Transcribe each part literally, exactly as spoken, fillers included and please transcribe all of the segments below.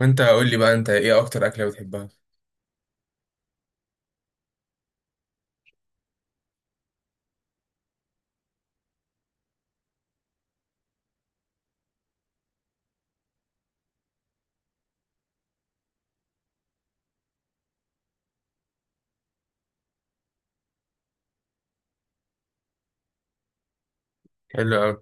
وانت قول لي بقى انت ايه اكتر اكله بتحبها؟ حلو قوي.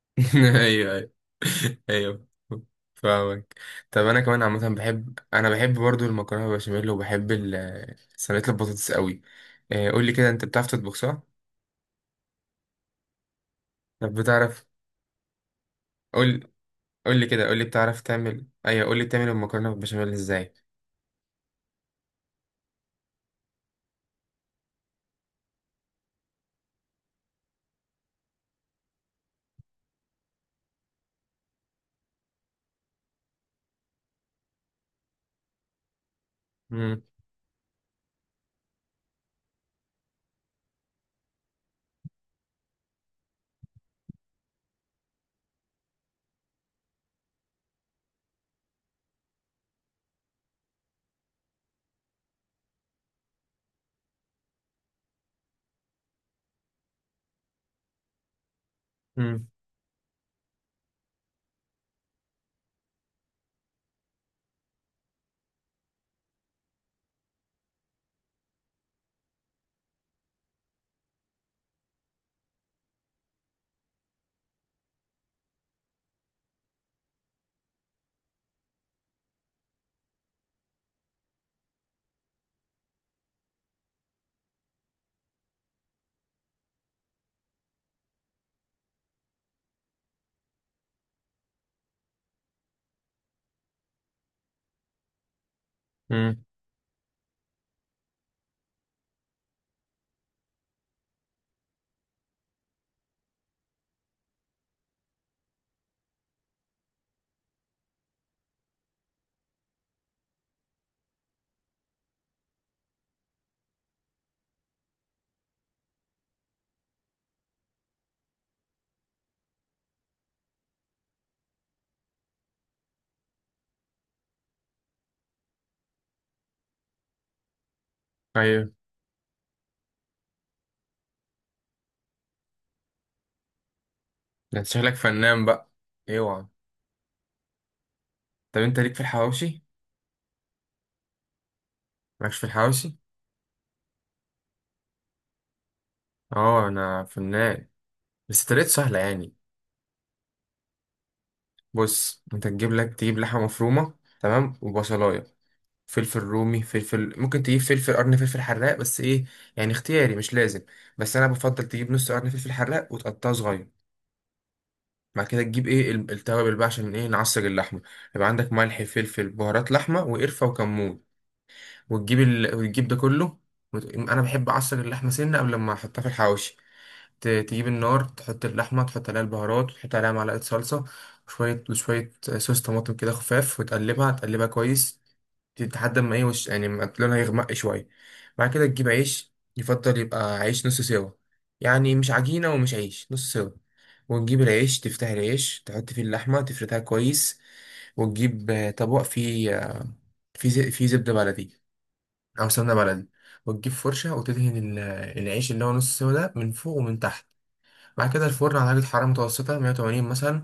ايوه، ايوه، ايوه، فاهمك. طب انا كمان عامه بحب، انا بحب برضو المكرونه بالبشاميل، وبحب ال- صينيه البطاطس قوي. آه، قول لي كده، انت بتعرف تطبخ صح؟ طب بتعرف؟ قول قول لي كده، قول لي بتعرف تعمل ايوه قول لي تعمل المكرونه بالبشاميل ازاي. امم، امم، امم، ايوه. ده انت شكلك فنان بقى، اوعى. طب انت ليك في الحواوشي؟ مالكش في الحواوشي؟ اه انا فنان، بس طريقته سهله يعني. بص انت تجيب لك، تجيب لحمه مفرومه، تمام، وبصلايه، فلفل رومي، فلفل، ممكن تجيب فلفل قرن، فلفل حراق، بس ايه، يعني اختياري مش لازم. بس انا بفضل تجيب نص قرن فلفل حراق وتقطعه صغير. بعد كده تجيب ايه ال- التوابل بقى، عشان ايه نعصر اللحمه. يبقى عندك ملح، فلفل، بهارات لحمه، وقرفه، وكمون، وتجيب ال... وتجيب ده كله. وت- انا بحب اعصر اللحمه سنه قبل ما احطها في الحواوشي. ت- تجيب النار، تحط اللحمة، تحط عليها البهارات، وتحط عليها معلقة صلصة، وشوية وشوية آه، صوص طماطم كده خفاف، وتقلبها، تقلبها كويس لحد ما ايه وش، يعني ما لونها يغمق شوية. بعد كده تجيب عيش، يفضل يبقى عيش نص سوا، يعني مش عجينة ومش عيش، نص سوا. وتجيب العيش، تفتح العيش، تحط فيه اللحمة، تفردها كويس. وتجيب آه، طبق فيه آه، فيه ز- فيه زبدة بلدي أو سمنة بلدي، وتجيب فرشة وتدهن ال- العيش اللي هو نص سوا ده من فوق ومن تحت. بعد كده الفرن على درجة حرارة متوسطة مية وتمانين مثلا.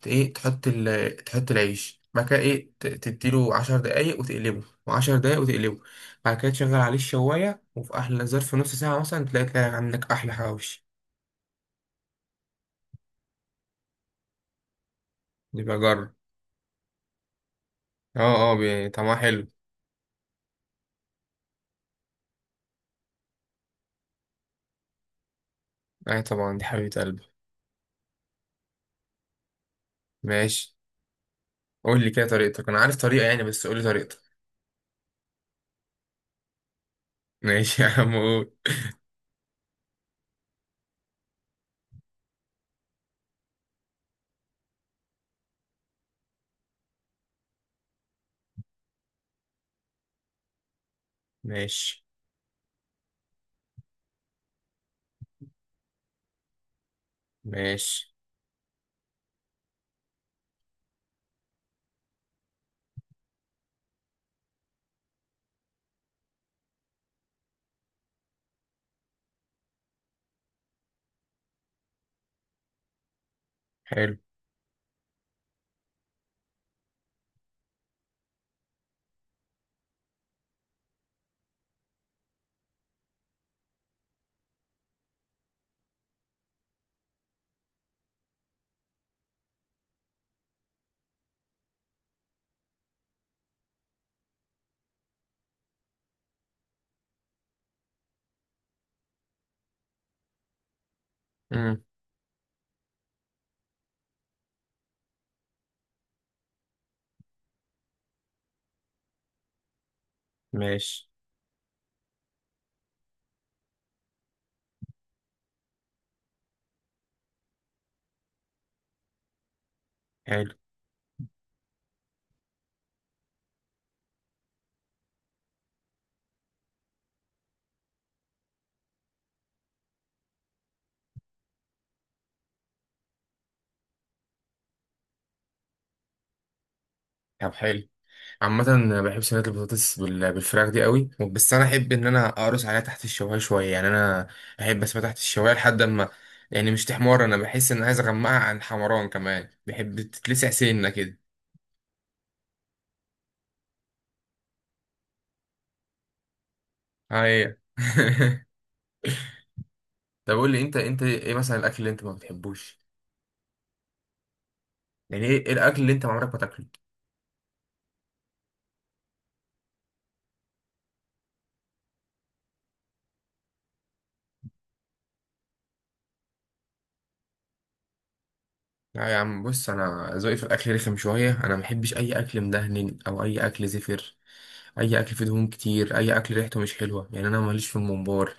ت- ايه تحط ال... تحط العيش، بعد كده ايه ت- تديله عشر دقايق وتقلبه، و10 دقايق وتقلبه. بعد كده تشغل عليه الشواية، وفي أحلى ظرف نص ساعة مثلا، تلاقي تلاقي عندك أحلى حواوشي. يبقى جرب. اه اه بي- طعمها حلو. أي طبعا، دي حبيبة قلبي. ماشي. قول لي كده طريقتك، أنا عارف طريقة يعني، بس قول لي طريقتك. ماشي يا عم، قول. ماشي، ماشي، حلو. مم. ماشي، حلو. طب حلو. عامة أنا بحب صينية البطاطس بال- بالفراخ دي قوي، بس أنا أحب إن أنا أقرص عليها تحت الشواية شوية، يعني أنا أحب أسيبها تحت الشواية لحد أما، يعني مش تحمر، أنا بحس إن أنا عايز أغمقها عن حمران كمان، بحب تتلسع سنة كده. أيوة. طب قول لي، أنت أنت إيه مثلا الأكل اللي أنت ما بتحبوش، يعني إيه إيه الأكل اللي أنت عمرك ما تاكله؟ لا يا عم، بص انا ذوقي في الاكل رخم شويه، انا ما بحبش اي اكل مدهن او اي اكل زفر، اي اكل فيه دهون كتير، اي اكل ريحته مش حلوه. يعني انا ماليش في الممبار،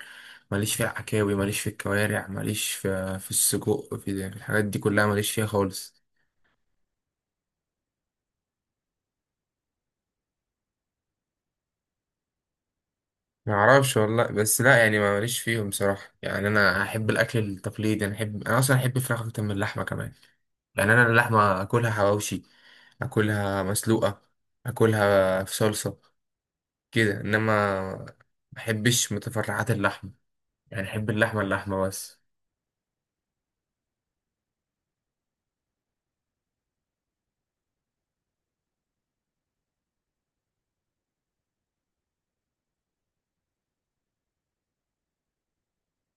ماليش في العكاوي، ماليش في الكوارع، ماليش في في السجق، في في الحاجات دي كلها، ماليش فيها خالص. ما اعرفش والله، بس لا يعني ما ماليش فيهم بصراحه. يعني انا احب الاكل التقليدي، انا احب انا اصلا احب الفراخ اكتر من اللحمه كمان. يعني انا اللحمه اكلها حواوشي، اكلها مسلوقه، اكلها في صلصه كده، انما ما بحبش متفرعات اللحمه، يعني احب اللحمه اللحمه بس.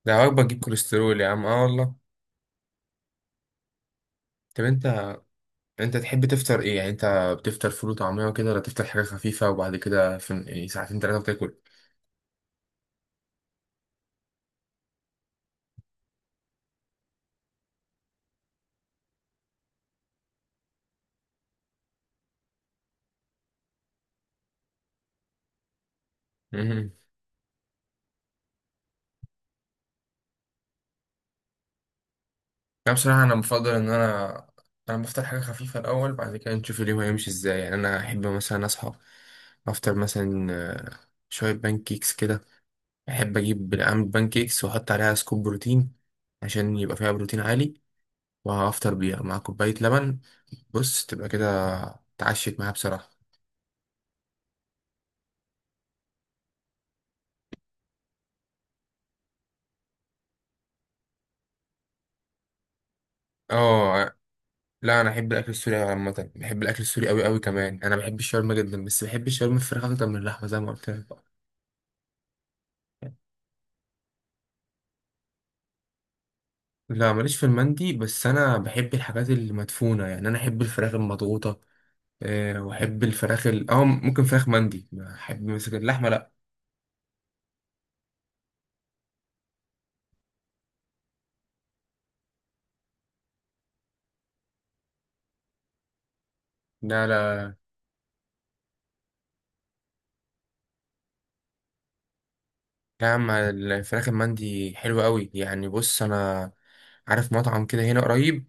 ده وجبه تجيب كوليسترول يا عم، اه والله. طب انت انت تحب تفطر ايه يعني؟ انت بتفطر فول وطعميه وكده، ولا تفطر حاجه خفيفه وبعد كده في يعني ساعتين ثلاثه بتاكل؟ امم. لا بصراحه، انا بفضل ان انا، انا بفطر حاجه خفيفه الاول، بعد كده نشوف اليوم هيمشي ازاي. يعني انا احب مثلا اصحى افطر مثلا آه، شويه بانكيكس كده، احب اجيب اعمل بانكيكس واحط عليها سكوب بروتين عشان يبقى فيها بروتين عالي، وهفطر بيها مع كوباية لبن. بص، تبقى كده اتعشت معاها بصراحة. اه، لا انا احب الاكل السوري أوي، عامة بحب الاكل السوري قوي، قوي كمان، انا بحب الشاورما جدا، بس بحب الشاورما الفراخ اكتر من اللحمة زي ما قلت لك. لا ماليش في المندي، بس انا بحب الحاجات المدفونة، يعني انا احب الفراخ المضغوطة. أه، واحب الفراخ ال... اه ممكن فراخ مندي، احب مثلا اللحمة، لا. لا، لا، لا يا عم، الفراخ المندي حلوة قوي، يعني بص انا عارف مطعم كده هنا قريب،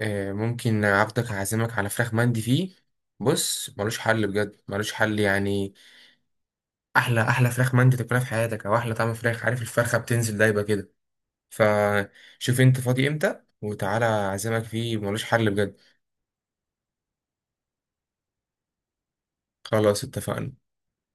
آه، ممكن عبدك هعزمك على فراخ مندي فيه، بص ملوش حل بجد، ملوش حل يعني. احلى احلى فراخ مندي تاكلها في حياتك، او احلى طعم فراخ، عارف الفرخه بتنزل دايبه كده. فشوف انت فاضي امتى وتعالى اعزمك فيه، ملوش حل بجد. خلاص اتفقنا.